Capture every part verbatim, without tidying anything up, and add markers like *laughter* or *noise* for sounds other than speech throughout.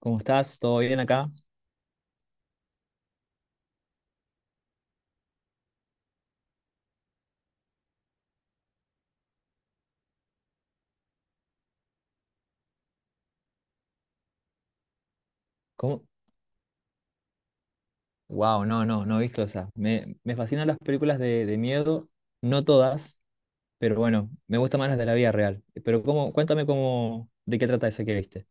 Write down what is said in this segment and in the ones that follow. ¿Cómo estás? ¿Todo bien acá? ¿Cómo? Wow, no, no, no he visto esa. Me, me fascinan las películas de, de miedo, no todas, pero bueno, me gustan más las de la vida real. Pero cómo, cuéntame cómo, de qué trata esa que viste.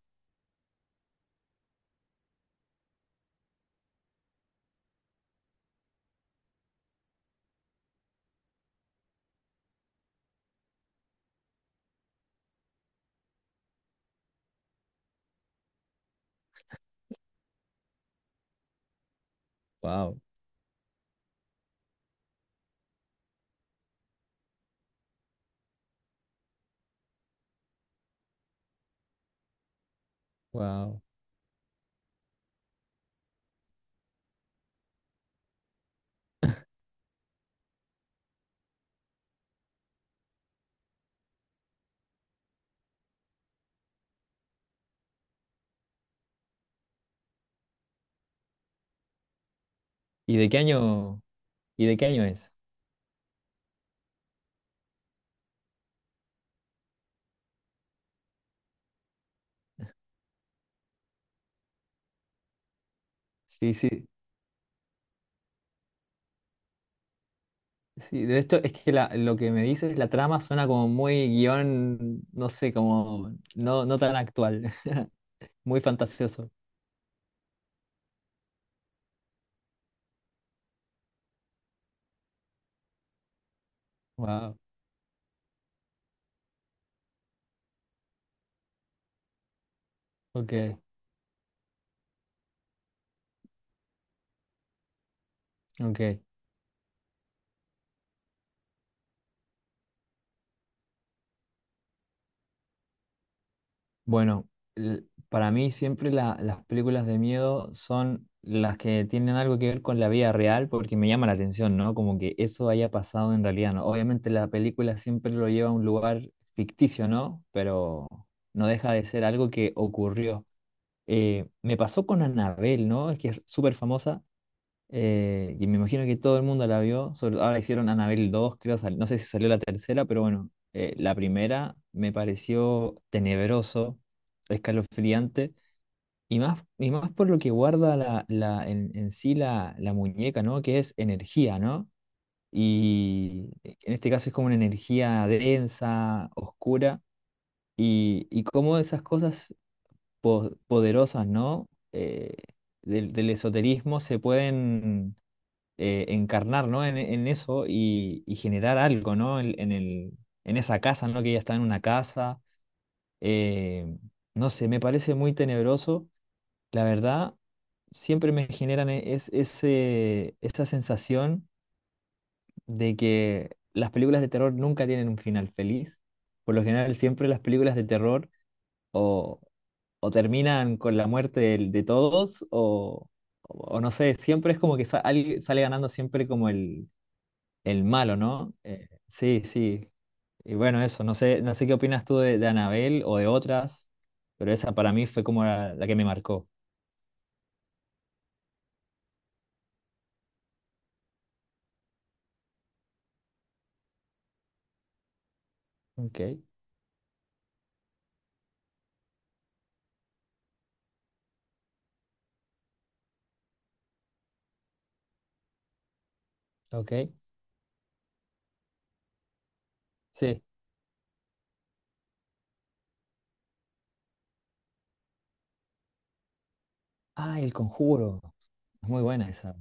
Wow, wow. ¿Y de qué año, ¿Y de qué año es? Sí, sí, sí. De esto es que la- lo que me dices, la trama suena como muy guión, no sé, como no, no tan actual, *laughs* muy fantasioso. Wow, ok, ok. Bueno, l- para mí siempre la- las películas de miedo son las que tienen algo que ver con la vida real porque me llama la atención, ¿no? Como que eso haya pasado en realidad, ¿no? Obviamente la película siempre lo lleva a un lugar ficticio, ¿no? Pero no deja de ser algo que ocurrió. Eh, me pasó con Annabelle, ¿no? Es que es súper famosa eh, y me imagino que todo el mundo la vio. Sobre- ahora hicieron Annabelle dos creo, sal- no sé si salió la tercera, pero bueno, eh, la primera me pareció tenebroso, escalofriante, y más, y más por lo que guarda la, la- en, en sí la, la muñeca, ¿no? Que es energía, ¿no? Y en este caso es como una energía densa, oscura, y, y cómo esas cosas po- poderosas, ¿no? Eh, del, del esoterismo se pueden eh, encarnar, ¿no? En, en eso y, y generar algo, ¿no? En, en el, en esa casa, ¿no? Que ella está en una casa. eh, no sé, me parece muy tenebroso. La verdad, siempre me generan e- es, ese, esa sensación de que las películas de terror nunca tienen un final feliz. Por lo general, siempre las películas de terror o, o terminan con la muerte del- de, todos o, o no sé, siempre es como que sa- alguien sale ganando siempre como el el malo, ¿no? Eh, sí, sí. Y bueno, eso, no sé, no sé qué opinas tú de, de Anabel o de otras, pero esa para mí fue como la, la que me marcó. Ok, ok. Sí. Ah, El Conjuro. Es muy buena esa.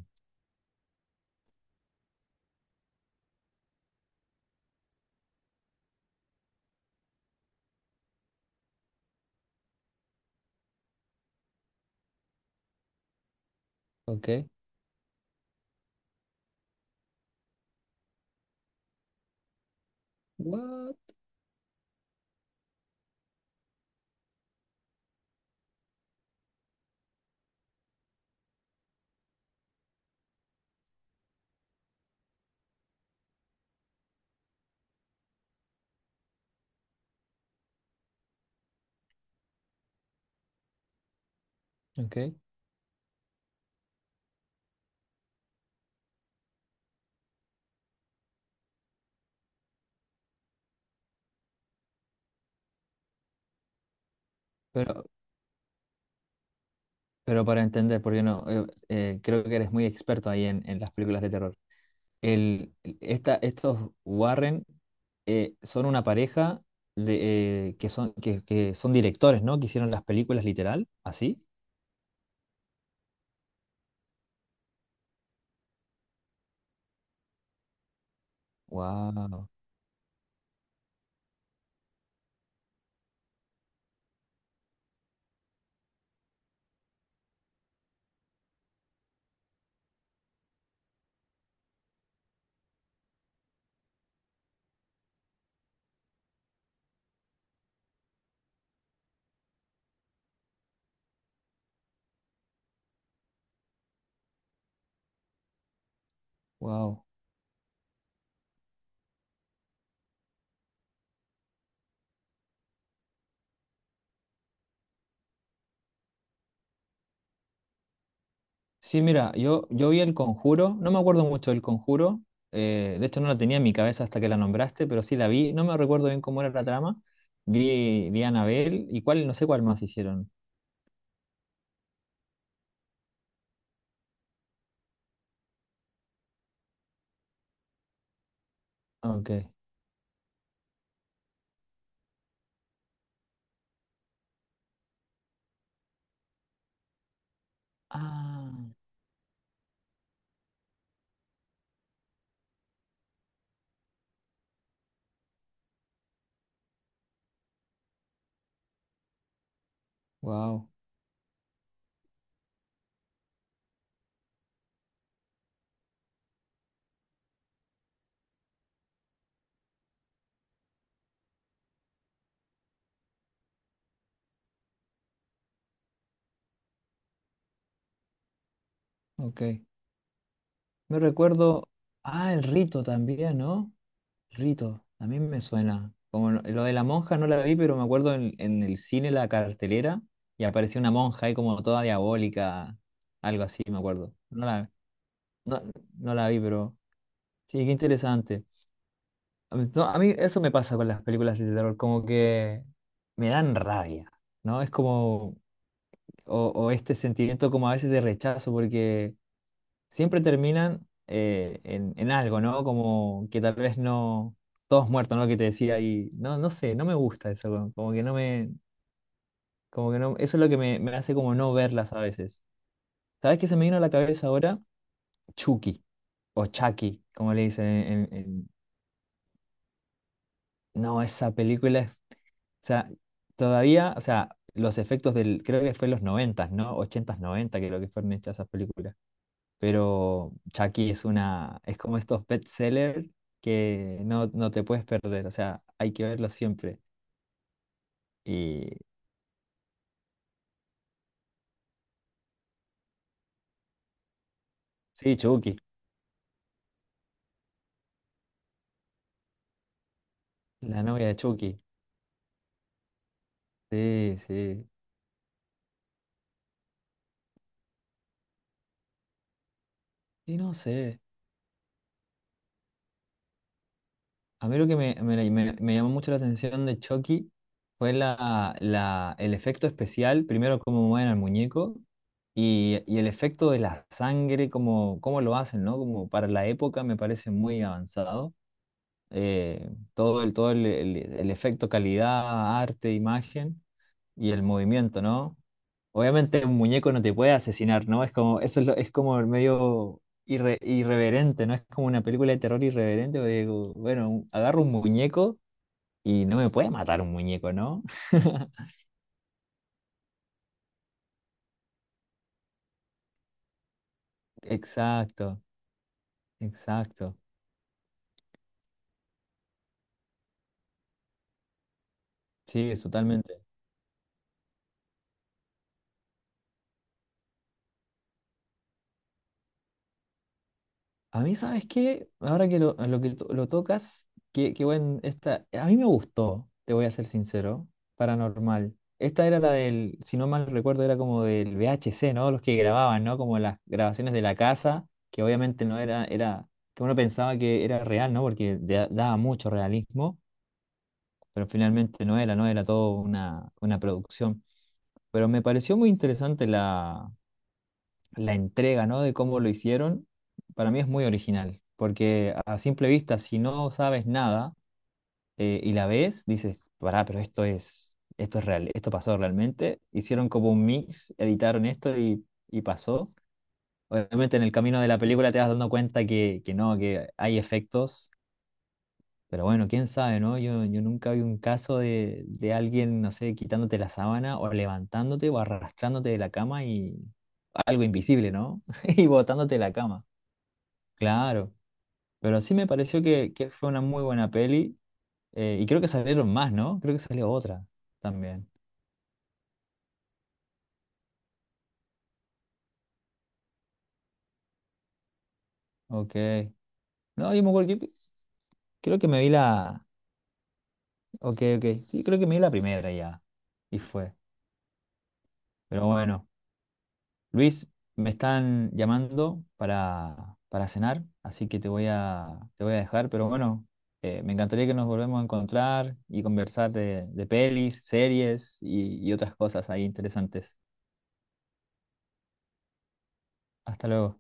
Ok. What? Ok. Pero, pero para entender, porque no, eh, eh, creo que eres muy experto ahí en, en las películas de terror. El, esta, Estos Warren eh, son una pareja de, eh, que son, que, que son directores, ¿no? Que hicieron las películas literal, así. Wow, wow. Sí, mira, yo, yo vi El Conjuro, no me acuerdo mucho del Conjuro, eh, de hecho no la tenía en mi cabeza hasta que la nombraste, pero sí la vi, no me recuerdo bien cómo era la trama. Vi, vi Anabel y cuál, no sé cuál más hicieron. Ok. Ah, wow, ok. Me recuerdo, ah, El Rito también, ¿no? Rito, a mí me suena. Como no- lo de la monja no la vi, pero me acuerdo en, en el cine la cartelera y apareció una monja ahí como toda diabólica, algo así, me acuerdo. No la, no, no la vi, pero sí, qué interesante. A mí, no, a mí eso me pasa con las películas de terror, como que me dan rabia, ¿no? Es como, o, o este sentimiento como a veces de rechazo, porque siempre terminan eh, en, en algo, ¿no? Como que tal vez no, todos muertos, ¿no? Que te decía y no, no sé, no me gusta eso, como como que no me, como que no, eso es lo que me, me hace como no verlas a veces. ¿Sabes qué se me vino a la cabeza ahora? Chucky, o Chucky, como le dicen en, en- No, esa película es, o sea, todavía, o sea, los efectos del, creo que fue en los noventas no ochentas noventa 90, creo que fueron hechas esas películas pero Chucky es una, es como estos best sellers que no, no te puedes perder, o sea, hay que verlo siempre. Y sí, Chucky, la novia de Chucky, sí, sí. Y no sé, a mí lo que me, me, me- me llamó mucho la atención de Chucky fue la, la, el efecto especial, primero cómo mueven al muñeco. Y, y el efecto de la sangre, como, cómo lo hacen, ¿no? Como para la época me parece muy avanzado. Eh, todo el, todo el, el- el efecto calidad, arte, imagen y el movimiento, ¿no? Obviamente un muñeco no te puede asesinar, ¿no? Es como, eso es, lo- es como medio irre- irreverente, ¿no? Es como una película de terror irreverente, porque digo, bueno, un- agarro un muñeco y no me puede matar un muñeco, ¿no? *laughs* Exacto, exacto. Sí, es totalmente. A mí, ¿sabes qué? Ahora que lo, lo que to- lo tocas, qué, qué buen esta. A mí me gustó, te voy a ser sincero, Paranormal. Esta era la del, si no mal recuerdo, era como del V H C ¿no? Los que grababan, ¿no? Como las grabaciones de la casa, que obviamente no era, era, que uno pensaba que era real, ¿no? Porque da- daba mucho realismo, pero finalmente no era, no era todo una, una producción. Pero me pareció muy interesante la entrega, ¿no? De cómo lo hicieron, para mí es muy original, porque a simple vista, si no sabes nada eh, y la ves, dices, pará, pero esto es, esto es real, esto pasó realmente. Hicieron como un mix, editaron esto y, y pasó. Obviamente en el camino de la película te vas dando cuenta que, que no, que hay efectos, pero bueno, quién sabe, ¿no? Yo, yo nunca vi un caso de, de alguien, no sé, quitándote la sábana o levantándote o arrastrándote de la cama y algo invisible, ¿no? *laughs* Y botándote de la cama. Claro, pero sí me pareció que, que fue una muy buena peli eh, y creo que salieron más, ¿no? Creo que salió otra también. Ok. No, yo me acuerdo que creo que me vi la... Ok, ok. Sí, creo que me vi la primera ya. Y fue. Pero bueno, Luis, me están llamando para, para cenar, así que te voy a, te voy a dejar, pero bueno, eh, me encantaría que nos volvemos a encontrar y conversar de, de pelis, series y y otras cosas ahí interesantes. Hasta luego.